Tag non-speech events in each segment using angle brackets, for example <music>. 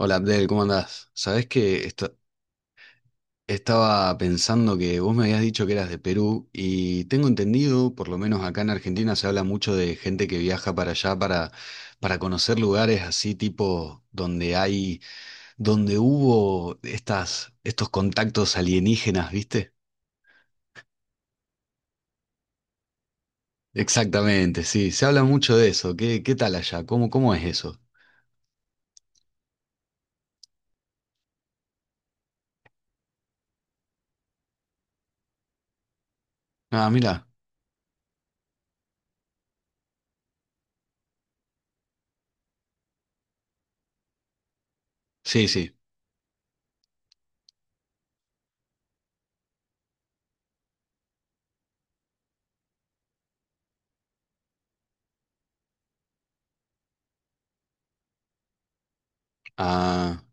Hola Abdel, ¿cómo andás? Sabés que estaba pensando que vos me habías dicho que eras de Perú y tengo entendido, por lo menos acá en Argentina se habla mucho de gente que viaja para allá para conocer lugares así tipo donde donde hubo estos contactos alienígenas, ¿viste? Exactamente, sí, se habla mucho de eso. Qué tal allá? Cómo es eso? Ah, mira, sí, sí. Ah,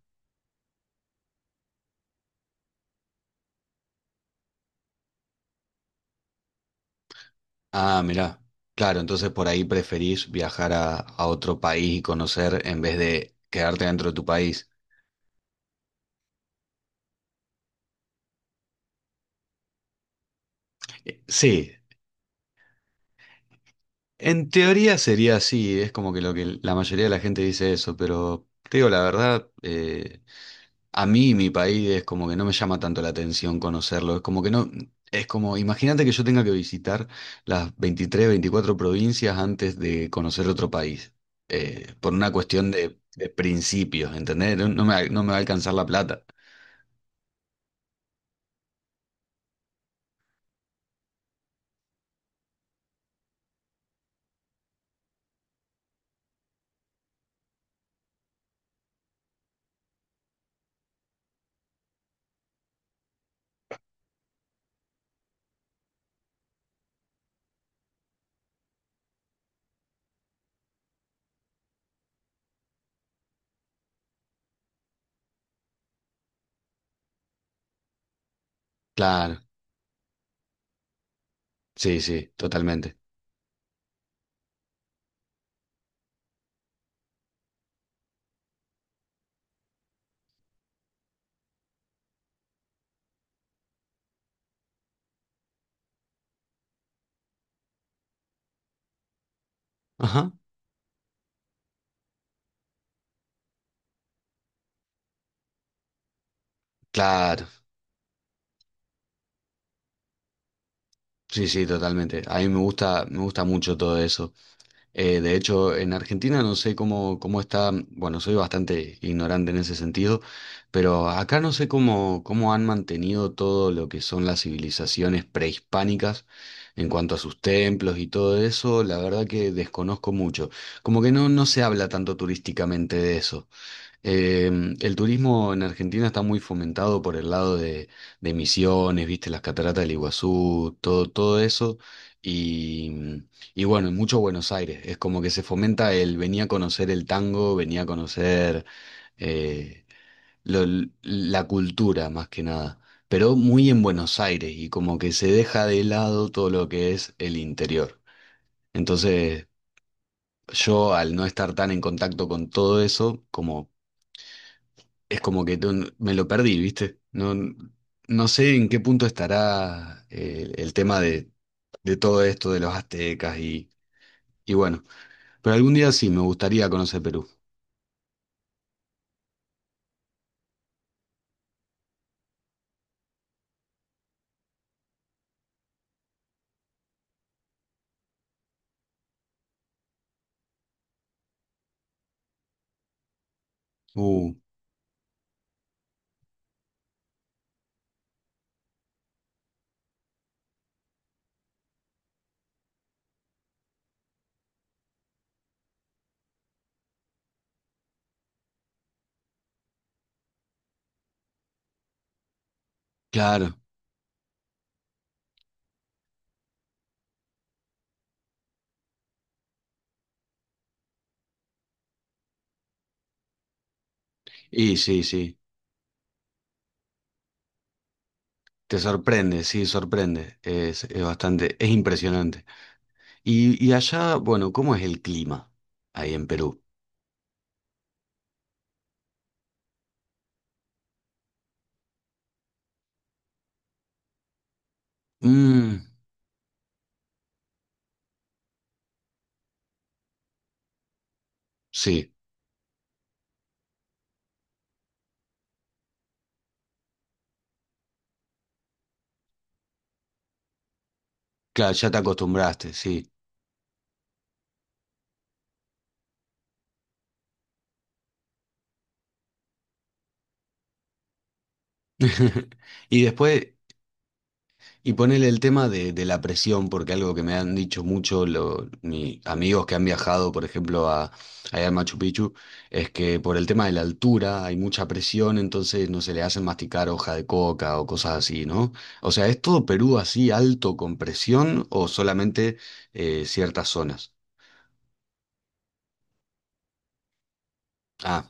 ah, mirá. Claro, entonces por ahí preferís viajar a otro país y conocer en vez de quedarte dentro de tu país. Sí, en teoría sería así, es como que lo que la mayoría de la gente dice eso, pero te digo la verdad, a mí mi país es como que no me llama tanto la atención conocerlo, es como que no, es como, imagínate que yo tenga que visitar las 23, 24 provincias antes de conocer otro país, por una cuestión de principios, ¿entendés? No me va a alcanzar la plata. Claro, sí, sí, totalmente. Ajá, claro, sí, sí, totalmente. A mí me gusta mucho todo eso. De hecho, en Argentina no sé cómo está, bueno, soy bastante ignorante en ese sentido, pero acá no sé cómo han mantenido todo lo que son las civilizaciones prehispánicas en cuanto a sus templos y todo eso. La verdad que desconozco mucho. Como que no, no se habla tanto turísticamente de eso. El turismo en Argentina está muy fomentado por el lado de Misiones, viste, las cataratas del Iguazú, todo, todo eso. Y, y bueno, y mucho Buenos Aires. Es como que se fomenta el venía a conocer el tango, venía a conocer eh, lo- la cultura más que nada. Pero muy en Buenos Aires y como que se deja de lado todo lo que es el interior. Entonces, yo al no estar tan en contacto con todo eso, como es como que me lo perdí, ¿viste? No, no sé en qué punto estará tema de todo esto de los aztecas y bueno, pero algún día sí me gustaría conocer Perú. Uh, claro. Y sí, sí, te sorprende, sí, sorprende. Es bastante, es impresionante. Y allá, bueno, ¿cómo es el clima ahí en Perú? Mm, sí, claro, ya te acostumbraste, sí. <laughs> Y después, y ponele el tema de la presión, porque algo que me han dicho mucho mis amigos que han viajado, por ejemplo, allá a Machu Picchu, es que por el tema de la altura hay mucha presión, entonces no se le hacen masticar hoja de coca o cosas así, ¿no? O sea, ¿es todo Perú así alto con presión o solamente ciertas zonas? Ah,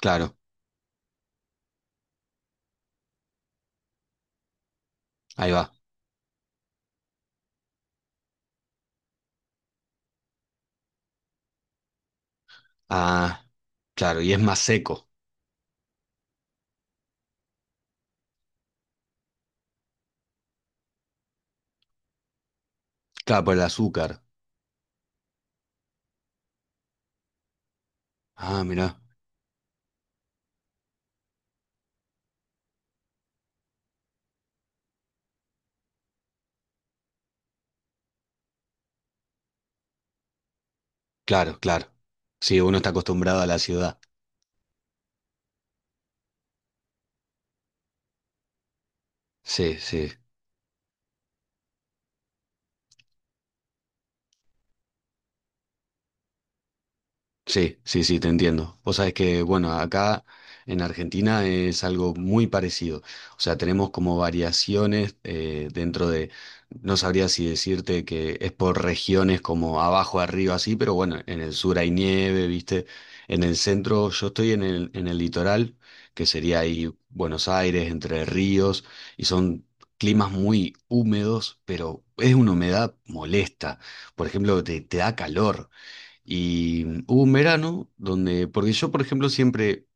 claro, ahí va. Ah, claro, y es más seco. Claro, por el azúcar. Ah, mirá. Claro, claro. Sí, uno está acostumbrado a la ciudad. Sí, sí. Sí, sí, sí, te entiendo. Vos sabés que, bueno, acá en Argentina es algo muy parecido. O sea, tenemos como variaciones dentro de, no sabría si decirte que es por regiones como abajo, arriba, así, pero bueno, en el sur hay nieve, ¿viste? En el centro, yo estoy en el litoral, que sería ahí Buenos Aires, Entre Ríos, y son climas muy húmedos, pero es una humedad molesta. Por ejemplo, te da calor. Y hubo un verano donde, porque yo, por ejemplo, siempre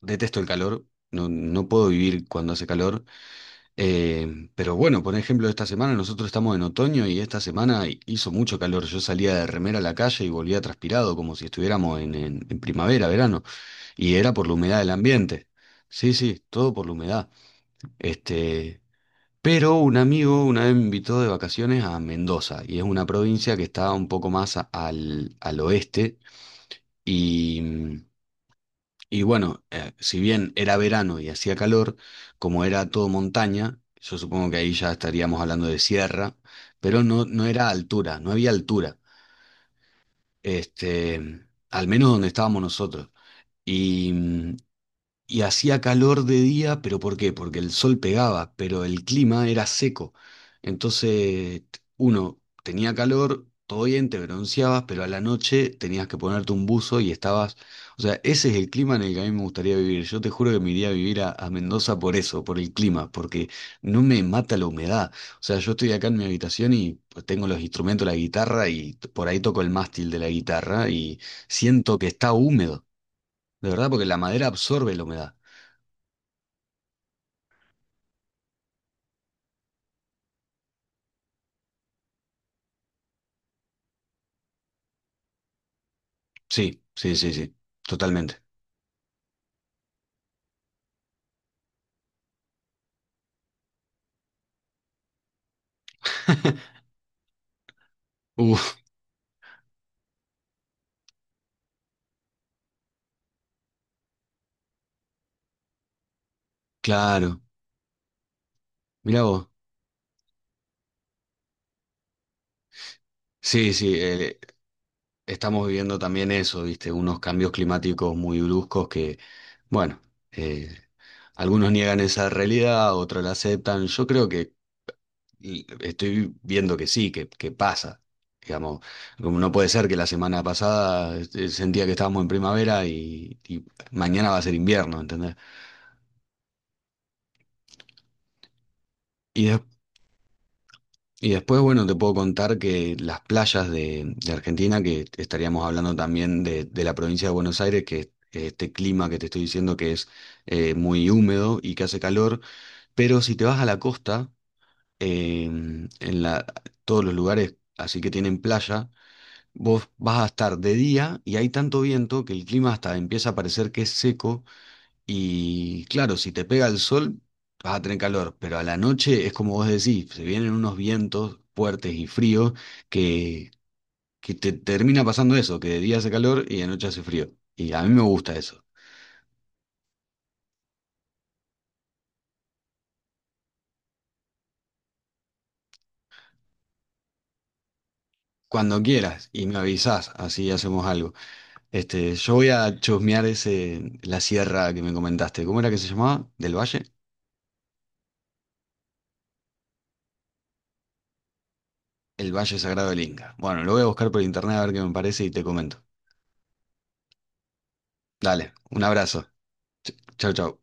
detesto el calor, no, no puedo vivir cuando hace calor, pero bueno, por ejemplo, esta semana nosotros estamos en otoño y esta semana hizo mucho calor, yo salía de remera a la calle y volvía transpirado, como si estuviéramos en primavera, verano, y era por la humedad del ambiente. Sí, sí, todo por la humedad. Este, pero un amigo una vez me invitó de vacaciones a Mendoza, y es una provincia que está un poco más al oeste y, mm, y bueno, si bien era verano y hacía calor, como era todo montaña, yo supongo que ahí ya estaríamos hablando de sierra, pero no, no era altura, no había altura, este, al menos donde estábamos nosotros. Y, mm, y hacía calor de día, pero ¿por qué? Porque el sol pegaba, pero el clima era seco. Entonces, uno tenía calor, todo bien, te bronceabas, pero a la noche tenías que ponerte un buzo y estabas... O sea, ese es el clima en el que a mí me gustaría vivir. Yo te juro que me iría a vivir a Mendoza por eso, por el clima, porque no me mata la humedad. O sea, yo estoy acá en mi habitación y pues, tengo los instrumentos, la guitarra, y por ahí toco el mástil de la guitarra y siento que está húmedo. De verdad, porque la madera absorbe la humedad. Sí, sí, sí, sí, totalmente. <laughs> Uf, claro. Mirá vos. Sí, sí, estamos viviendo también eso, ¿viste? Unos cambios climáticos muy bruscos que, bueno, eh, algunos niegan esa realidad, otros la aceptan. Yo creo que y estoy viendo que sí, que pasa. Digamos, como no puede ser que la semana pasada sentía que estábamos en primavera y mañana va a ser invierno, ¿entendés? Y, des- Y después, bueno, te puedo contar que las playas de Argentina, que estaríamos hablando también de la provincia de Buenos Aires, que es este clima que te estoy diciendo que es muy húmedo y que hace calor, pero si te vas a la costa, eh, en la, todos los lugares así que tienen playa, vos vas a estar de día y hay tanto viento que el clima hasta empieza a parecer que es seco y claro, si te pega el sol, vas a tener calor, pero a la noche es como vos decís, se vienen unos vientos fuertes y fríos que, que te termina pasando eso, que de día hace calor y de noche hace frío. Y a mí me gusta eso. Cuando quieras y me avisás, así hacemos algo. Este, yo voy a chusmear ese, la sierra que me comentaste. ¿Cómo era que se llamaba? ¿Del Valle? El Valle Sagrado del Inca. Bueno, lo voy a buscar por internet a ver qué me parece y te comento. Dale, un abrazo. Chau, chau.